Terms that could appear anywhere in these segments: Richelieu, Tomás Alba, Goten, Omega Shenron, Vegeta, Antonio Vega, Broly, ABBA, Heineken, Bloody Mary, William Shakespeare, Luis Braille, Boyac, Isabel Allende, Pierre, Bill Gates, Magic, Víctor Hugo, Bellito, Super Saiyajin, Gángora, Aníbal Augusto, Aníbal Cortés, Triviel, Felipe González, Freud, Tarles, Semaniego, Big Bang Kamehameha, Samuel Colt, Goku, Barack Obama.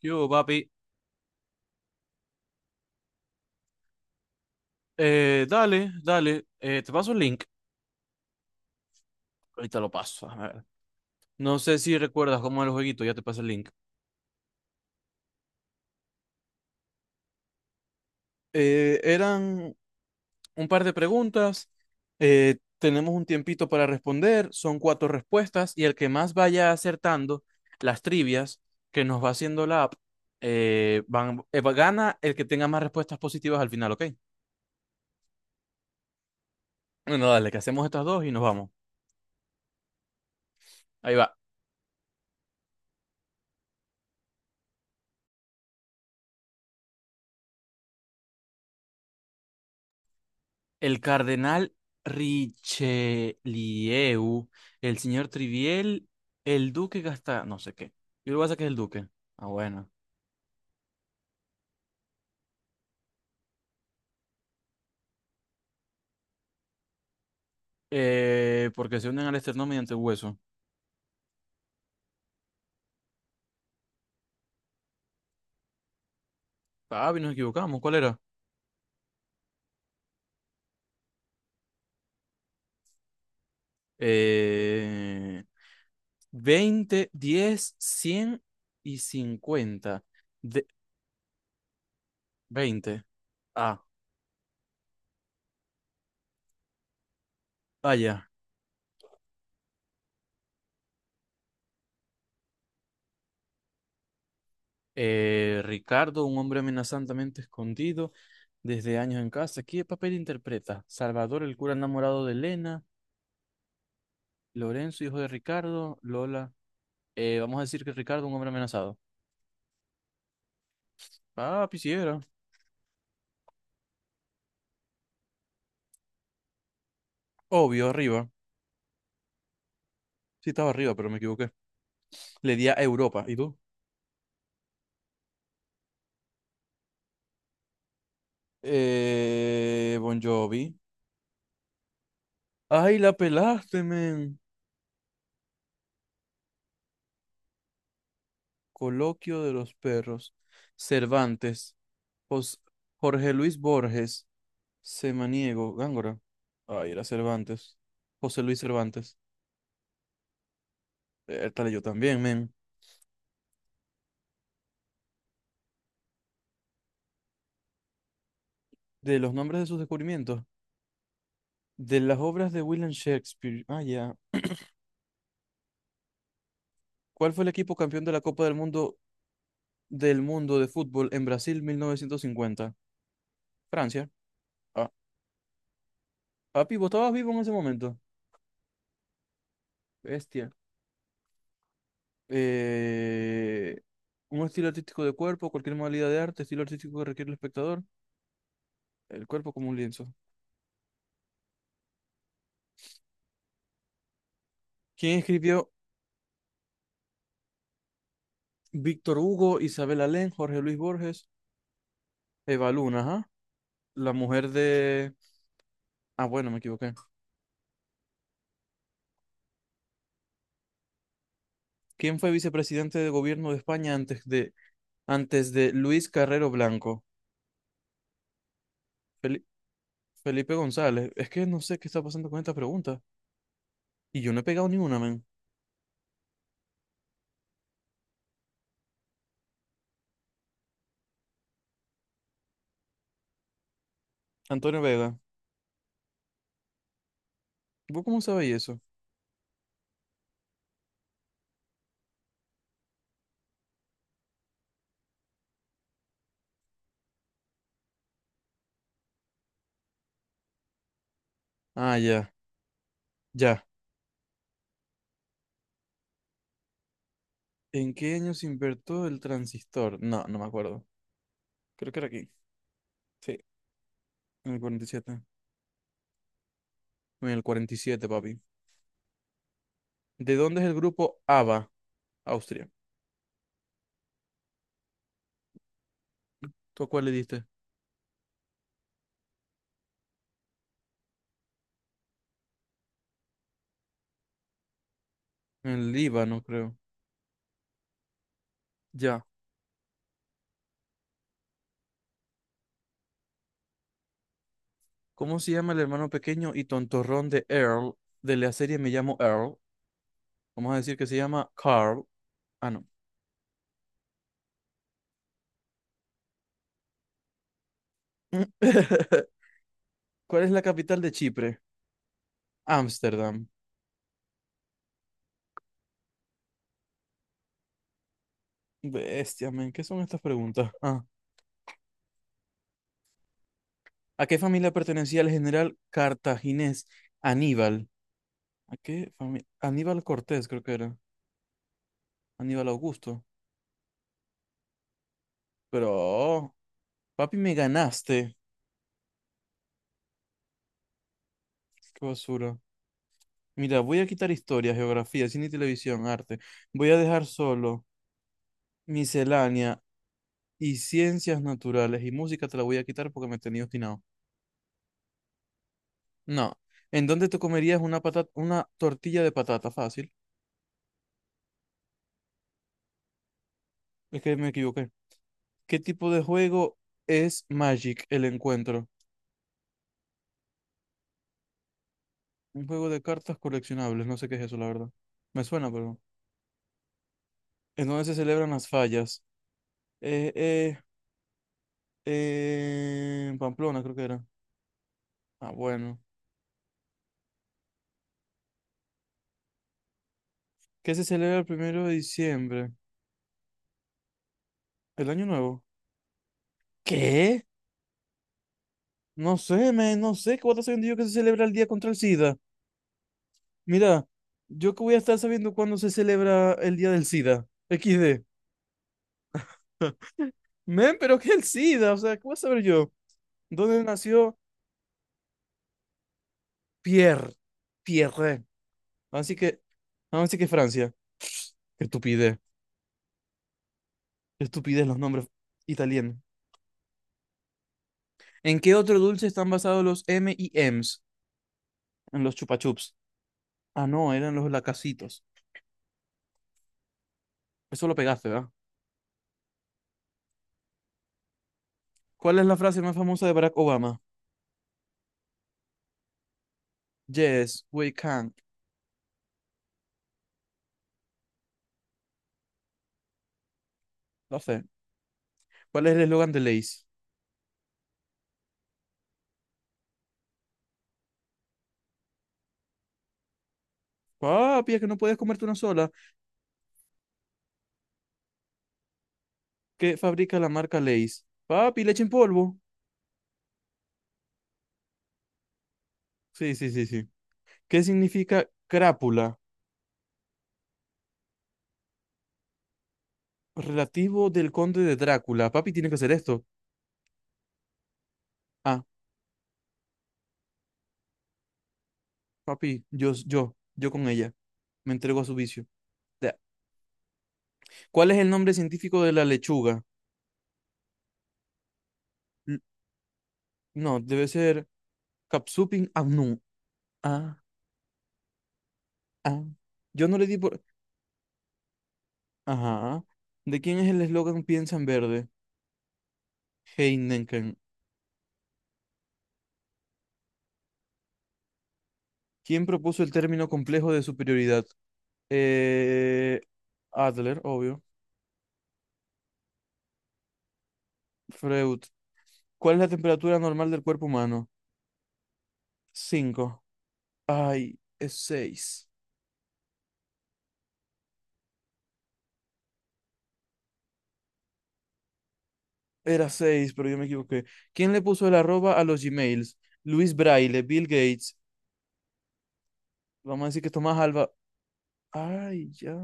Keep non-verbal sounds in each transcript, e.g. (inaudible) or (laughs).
Yo, papi, dale, dale, te paso el link, ahorita lo paso, a ver. No sé si recuerdas cómo era el jueguito, ya te paso el link. Eran un par de preguntas, tenemos un tiempito para responder, son cuatro respuestas y el que más vaya acertando las trivias que nos va haciendo la app, gana el que tenga más respuestas positivas al final, ¿ok? Bueno, dale, que hacemos estas dos y nos vamos. Ahí va. El cardenal Richelieu, el señor Triviel, el duque gasta no sé qué. Yo lo voy a sacar el duque. Ah, bueno. Porque se unen al esternón mediante el hueso. Ah, bien, nos equivocamos. ¿Cuál era? Eh, 20, 10, 100 y 50. De 20. Ah, vaya. Ricardo, un hombre amenazantemente escondido desde años en casa. ¿Qué papel interpreta? Salvador, el cura enamorado de Elena. Lorenzo, hijo de Ricardo. Lola. Vamos a decir que Ricardo, un hombre amenazado. Ah, quisiera. Obvio, arriba. Sí, estaba arriba, pero me equivoqué. Le di a Europa. ¿Y tú? Bon Jovi. Ay, la pelaste, men. Coloquio de los perros. Cervantes. Jos- Jorge Luis Borges. Semaniego, Gángora. Ay, era Cervantes. José Luis Cervantes. Tal yo también, men. De los nombres de sus descubrimientos. De las obras de William Shakespeare. Ah, ya. ¿Cuál fue el equipo campeón de la Copa del Mundo de Fútbol en Brasil 1950? Francia. Ah, papi, ¿vos estabas vivo en ese momento? Bestia. Eh, un estilo artístico de cuerpo, cualquier modalidad de arte, estilo artístico que requiere el espectador, el cuerpo como un lienzo. ¿Quién escribió Víctor Hugo, Isabel Allende, Jorge Luis Borges, Eva Luna, ajá, la mujer de. Ah, bueno, me equivoqué. ¿Quién fue vicepresidente de gobierno de España antes de Luis Carrero Blanco? Fel- Felipe González. Es que no sé qué está pasando con esta pregunta. Y yo no he pegado ni una, men. Antonio Vega. ¿Vos cómo sabéis eso? Ah, ya, ya. ¿En qué año se inventó el transistor? No, no me acuerdo. Creo que era aquí. Sí, en el 47. En el 47, papi. ¿De dónde es el grupo ABBA? Austria. ¿Tú a cuál le diste? En el Líbano, creo. Ya. ¿Cómo se llama el hermano pequeño y tontorrón de Earl de la serie Me llamo Earl? Vamos a decir que se llama Carl. Ah, no. (laughs) ¿Cuál es la capital de Chipre? Ámsterdam. Bestia, men, ¿qué son estas preguntas? Ah, ¿a qué familia pertenecía el general cartaginés Aníbal? ¿A qué familia? Aníbal Cortés, creo que era. Aníbal Augusto. Pero, oh, papi, me ganaste. Qué basura. Mira, voy a quitar historia, geografía, cine y televisión, arte. Voy a dejar solo miscelánea, y ciencias naturales y música te la voy a quitar porque me tenía obstinado. No. ¿En dónde te comerías una patata, una tortilla de patata? Fácil. Es que me equivoqué. ¿Qué tipo de juego es Magic, el encuentro? Un juego de cartas coleccionables. No sé qué es eso, la verdad. Me suena, pero. ¿En dónde se celebran las fallas? Eh, eh, en Pamplona, creo que era. Ah, bueno. ¿Qué se celebra el primero de diciembre? El año nuevo. ¿Qué? No sé, no sé. ¿Qué voy a estar sabiendo yo que se celebra el día contra el SIDA? Mira, yo que voy a estar sabiendo cuándo se celebra el Día del SIDA. XD. (laughs) Men, pero ¿qué es el SIDA? O sea, ¿qué voy a saber yo? ¿Dónde nació Pierre? Pierre. Así que, Así que Francia. Qué estupidez. Qué estupidez los nombres italianos. ¿En qué otro dulce están basados los M y M's? En los chupachups. Ah, no, eran los lacasitos. Eso lo pegaste, ¿verdad? ¿Cuál es la frase más famosa de Barack Obama? Yes, we can. No sé. ¿Cuál es el eslogan de Lay's? Papi, es que no puedes comerte una sola. ¿Qué fabrica la marca Lay's? Papi, leche en polvo. Sí, sí, sí, sí. ¿Qué significa crápula? Relativo del conde de Drácula. Papi, tiene que hacer esto. Ah, papi, yo con ella. Me entrego a su vicio. Ya. ¿Cuál es el nombre científico de la lechuga? L- No, debe ser Capsupin annuum. Ah, ah. Yo no le di por... Ajá. ¿De quién es el eslogan Piensa en verde? Heineken. ¿Quién propuso el término complejo de superioridad? Eh, Adler, obvio. Freud. ¿Cuál es la temperatura normal del cuerpo humano? 5. Ay, es 6. Era 6 pero yo me equivoqué. ¿Quién le puso el arroba a los Gmails? Luis Braille, Bill Gates. Vamos a decir que Tomás Alba. Ay, ya.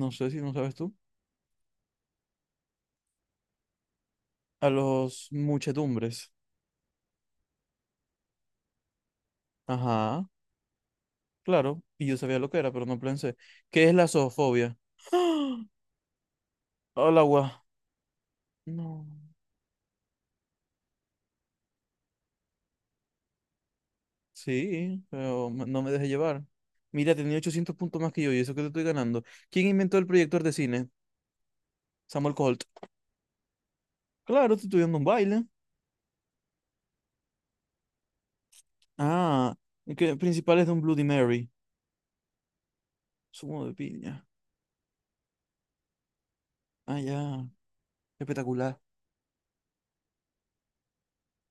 No sé si no sabes tú. A los muchedumbres. Ajá, claro. Y yo sabía lo que era, pero no pensé. ¿Qué es la zoofobia? (gasps) ¡Ah! Al agua. No. Sí, pero no me dejé llevar. Mira, tenía 800 puntos más que yo y eso que te estoy ganando. ¿Quién inventó el proyector de cine? Samuel Colt. Claro, te estoy dando un baile. Ah, que principal es de un Bloody Mary. Zumo de piña. Ah, ya. Espectacular.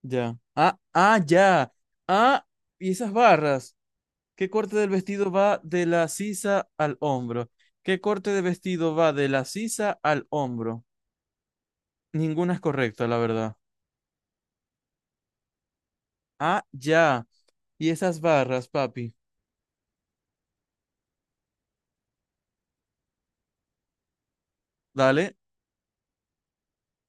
Ya. Ah, ah, ya. Ah, y esas barras. ¿Qué corte del vestido va de la sisa al hombro? ¿Qué corte de vestido va de la sisa al hombro? Ninguna es correcta, la verdad. Ah, ya. Y esas barras, papi. Dale,